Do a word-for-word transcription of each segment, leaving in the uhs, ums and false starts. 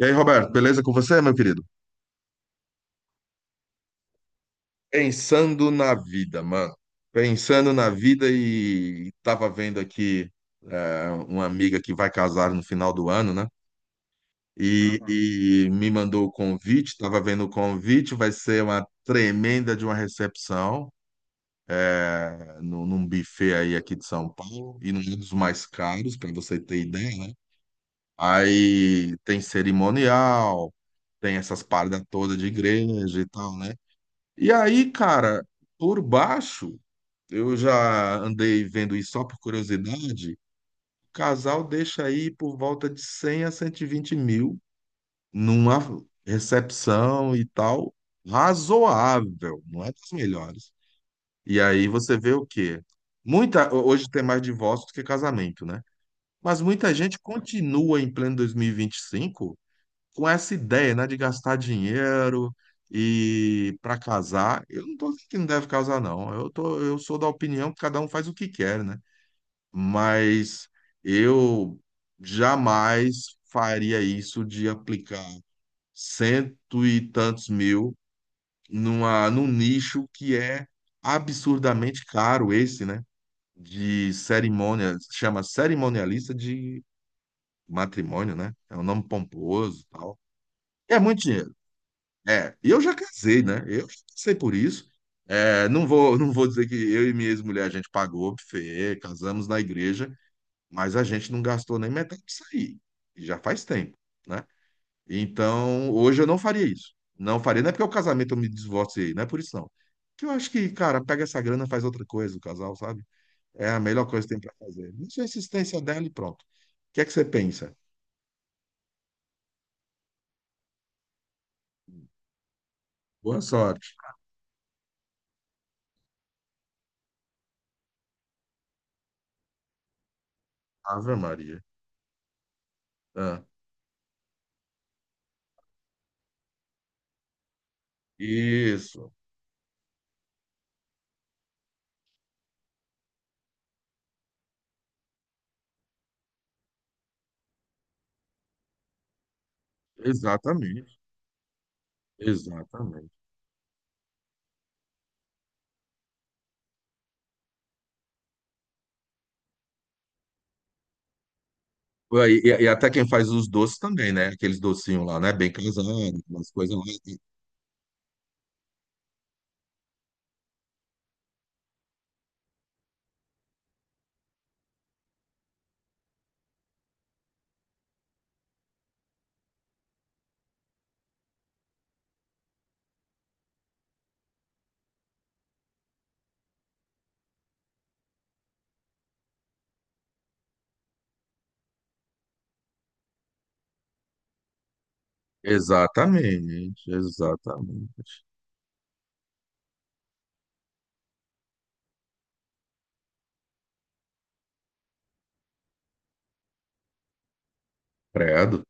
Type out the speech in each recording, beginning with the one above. E aí, Roberto, beleza com você, meu querido? Pensando na vida, mano. Pensando na vida e tava vendo aqui é, uma amiga que vai casar no final do ano, né? E, Uhum. e me mandou o convite, tava vendo o convite, vai ser uma tremenda de uma recepção é, num, num buffet aí aqui de São Paulo e num dos mais caros, para você ter ideia, né? Aí tem cerimonial, tem essas paradas todas de igreja e tal, né? E aí, cara, por baixo, eu já andei vendo isso só por curiosidade. O casal deixa aí por volta de cem a cento e vinte mil numa recepção e tal, razoável, não é das melhores. E aí você vê o quê? Muita, hoje tem mais divórcio do que casamento, né? Mas muita gente continua em pleno dois mil e e vinte e cinco com essa ideia, né, de gastar dinheiro e para casar, eu não tô dizendo que não deve casar, não. Eu tô, eu sou da opinião que cada um faz o que quer, né? Mas eu jamais faria isso de aplicar cento e tantos mil numa, num nicho que é absurdamente caro esse, né? De cerimônia, chama cerimonialista de matrimônio, né? É um nome pomposo, e tal. É muito dinheiro. É, e eu já casei, né? Eu já passei por isso. É, não vou, não vou dizer que eu e minha ex-mulher a gente pagou buffet, casamos na igreja, mas a gente não gastou nem metade disso aí. E já faz tempo, né? Então, hoje eu não faria isso. Não faria. Não é porque o casamento eu me divorciei, não é por isso não. Que eu acho que, cara, pega essa grana, faz outra coisa, o casal, sabe? É a melhor coisa que tem pra fazer. Isso é a insistência dela e pronto. O que é que você pensa? Boa sorte. Ave Maria. Ah, isso. Exatamente. Exatamente. Pô, aí, E, e até quem faz os doces também, né? Aqueles docinhos lá, né? Bem casado, umas coisas lá. Exatamente, exatamente. Credo.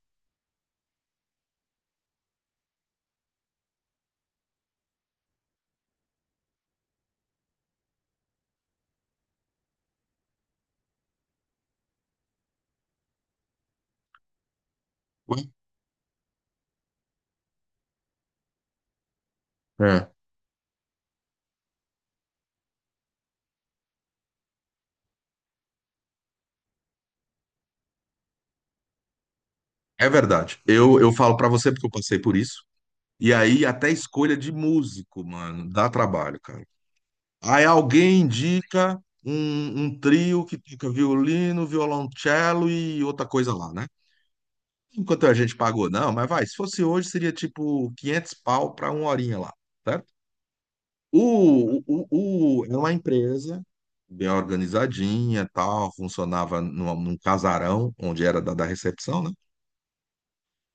Ué, É, é verdade. Eu, eu falo pra você porque eu passei por isso. E aí, até escolha de músico, mano, dá trabalho, cara. Aí alguém indica um, um trio que toca violino, violoncelo e outra coisa lá, né? Enquanto a gente pagou, não, mas vai, se fosse hoje, seria tipo quinhentos pau pra uma horinha lá. O, o, o, era uma empresa bem organizadinha, tal, funcionava numa- num casarão onde era da, da recepção, né?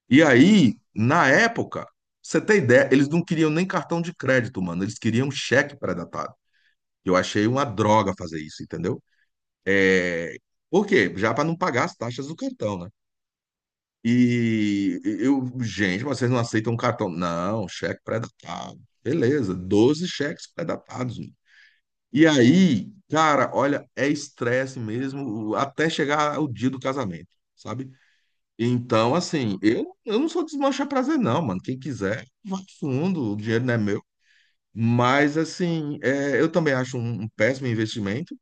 E aí, na época, você tem ideia, eles não queriam nem cartão de crédito, mano, eles queriam cheque pré-datado. Eu achei uma droga fazer isso, entendeu? É, por quê? Já para não pagar as taxas do cartão, né? E eu, gente, mas vocês não aceitam cartão? Não, cheque pré-datado. Beleza, doze cheques pré-datados. E aí, cara, olha, é estresse mesmo até chegar o dia do casamento, sabe? Então, assim, eu, eu não sou desmanchar prazer, não, mano. Quem quiser, vai fundo, o dinheiro não é meu. Mas, assim, é, eu também acho um, um péssimo investimento.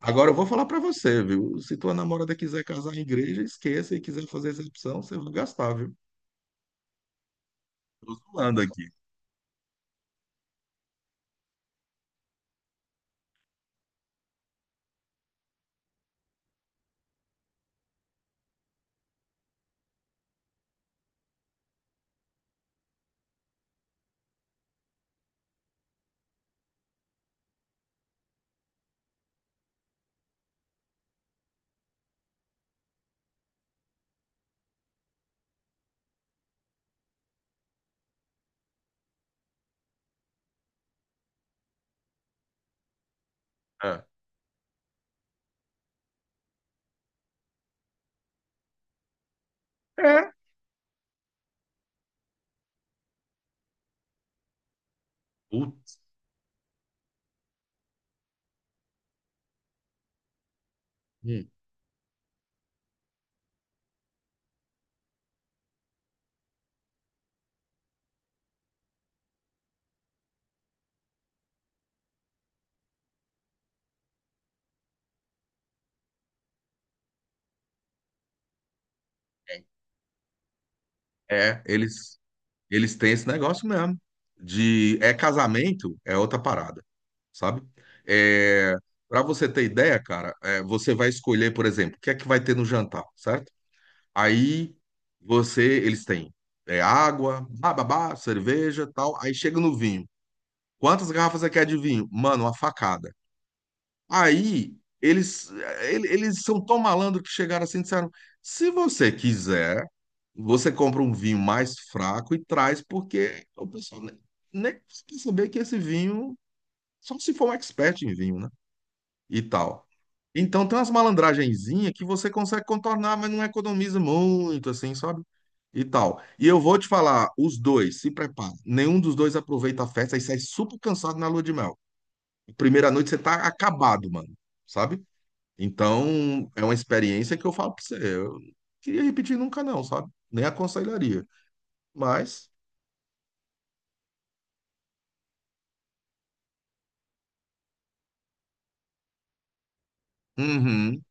Agora, eu vou falar pra você, viu? Se tua namorada quiser casar em igreja, esqueça e quiser fazer excepção, você vai gastar, viu? Tô zoando aqui. É. É. Putz. Hum. É, é, eles Eles têm esse negócio mesmo de é casamento, é outra parada, sabe? É, para você ter ideia, cara, é, você vai escolher, por exemplo, o que é que vai ter no jantar, certo? Aí você, eles têm é, água, bababá, cerveja, tal. Aí chega no vinho. Quantas garrafas você quer de vinho? Mano, uma facada. Aí eles, ele- eles são tão malandros que chegaram assim e disseram: se você quiser, você compra um vinho mais fraco e traz, porque o pessoal ne- nem precisa saber que esse vinho, só se for um expert em vinho, né? E tal. Então tem umas malandragenzinhas que você consegue contornar, mas não economiza muito, assim, sabe? E tal. E eu vou te falar, os dois, se prepara. Nenhum dos dois aproveita a festa e sai super cansado na lua de mel. Primeira noite você tá acabado, mano. Sabe? Então, é uma experiência que eu falo pra você. Eu não queria repetir nunca, não, sabe? Nem aconselharia. Mas, uhum,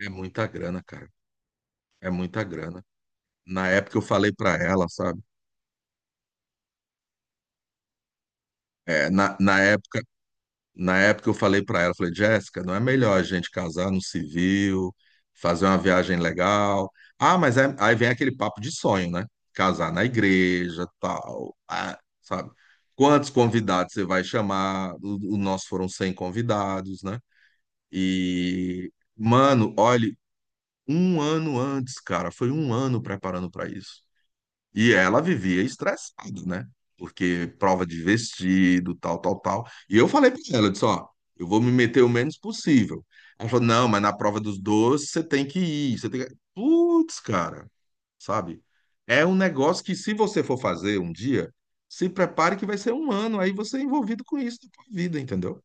é muita grana, cara. É muita grana. Na época eu falei pra ela, sabe? É, na, na Na época eu falei para ela, falei, Jéssica, não é melhor a gente casar no civil, fazer uma viagem legal? Ah, mas é- aí vem aquele papo de sonho, né? Casar na igreja, tal, ah, sabe? Quantos convidados você vai chamar? O, o nosso foram cem convidados, né? E, mano, olha, um ano antes, cara, foi um ano preparando para isso. E ela vivia estressada, né? Porque prova de vestido, tal, tal, tal. E eu falei para ela, eu disse, ó, eu vou me meter o menos possível. Ela falou, não, mas na prova dos doces você tem que ir, você tem que... Putz, cara, sabe? É um negócio que se você for fazer um dia, se prepare que vai ser um ano, aí você é envolvido com isso na tua vida, entendeu?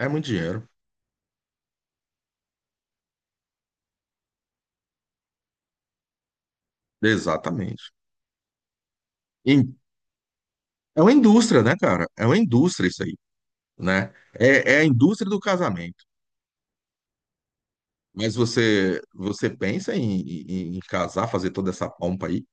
É muito dinheiro. Exatamente. E é uma indústria, né, cara? É uma indústria isso aí, né? É, é a indústria do casamento. Mas você, você pensa em, em, em casar, fazer toda essa pompa aí?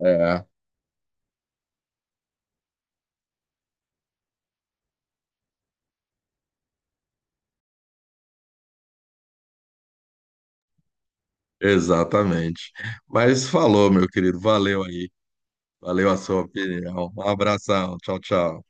É. Exatamente. Mas falou, meu querido. Valeu aí. Valeu a sua opinião. Um abração. Tchau, tchau.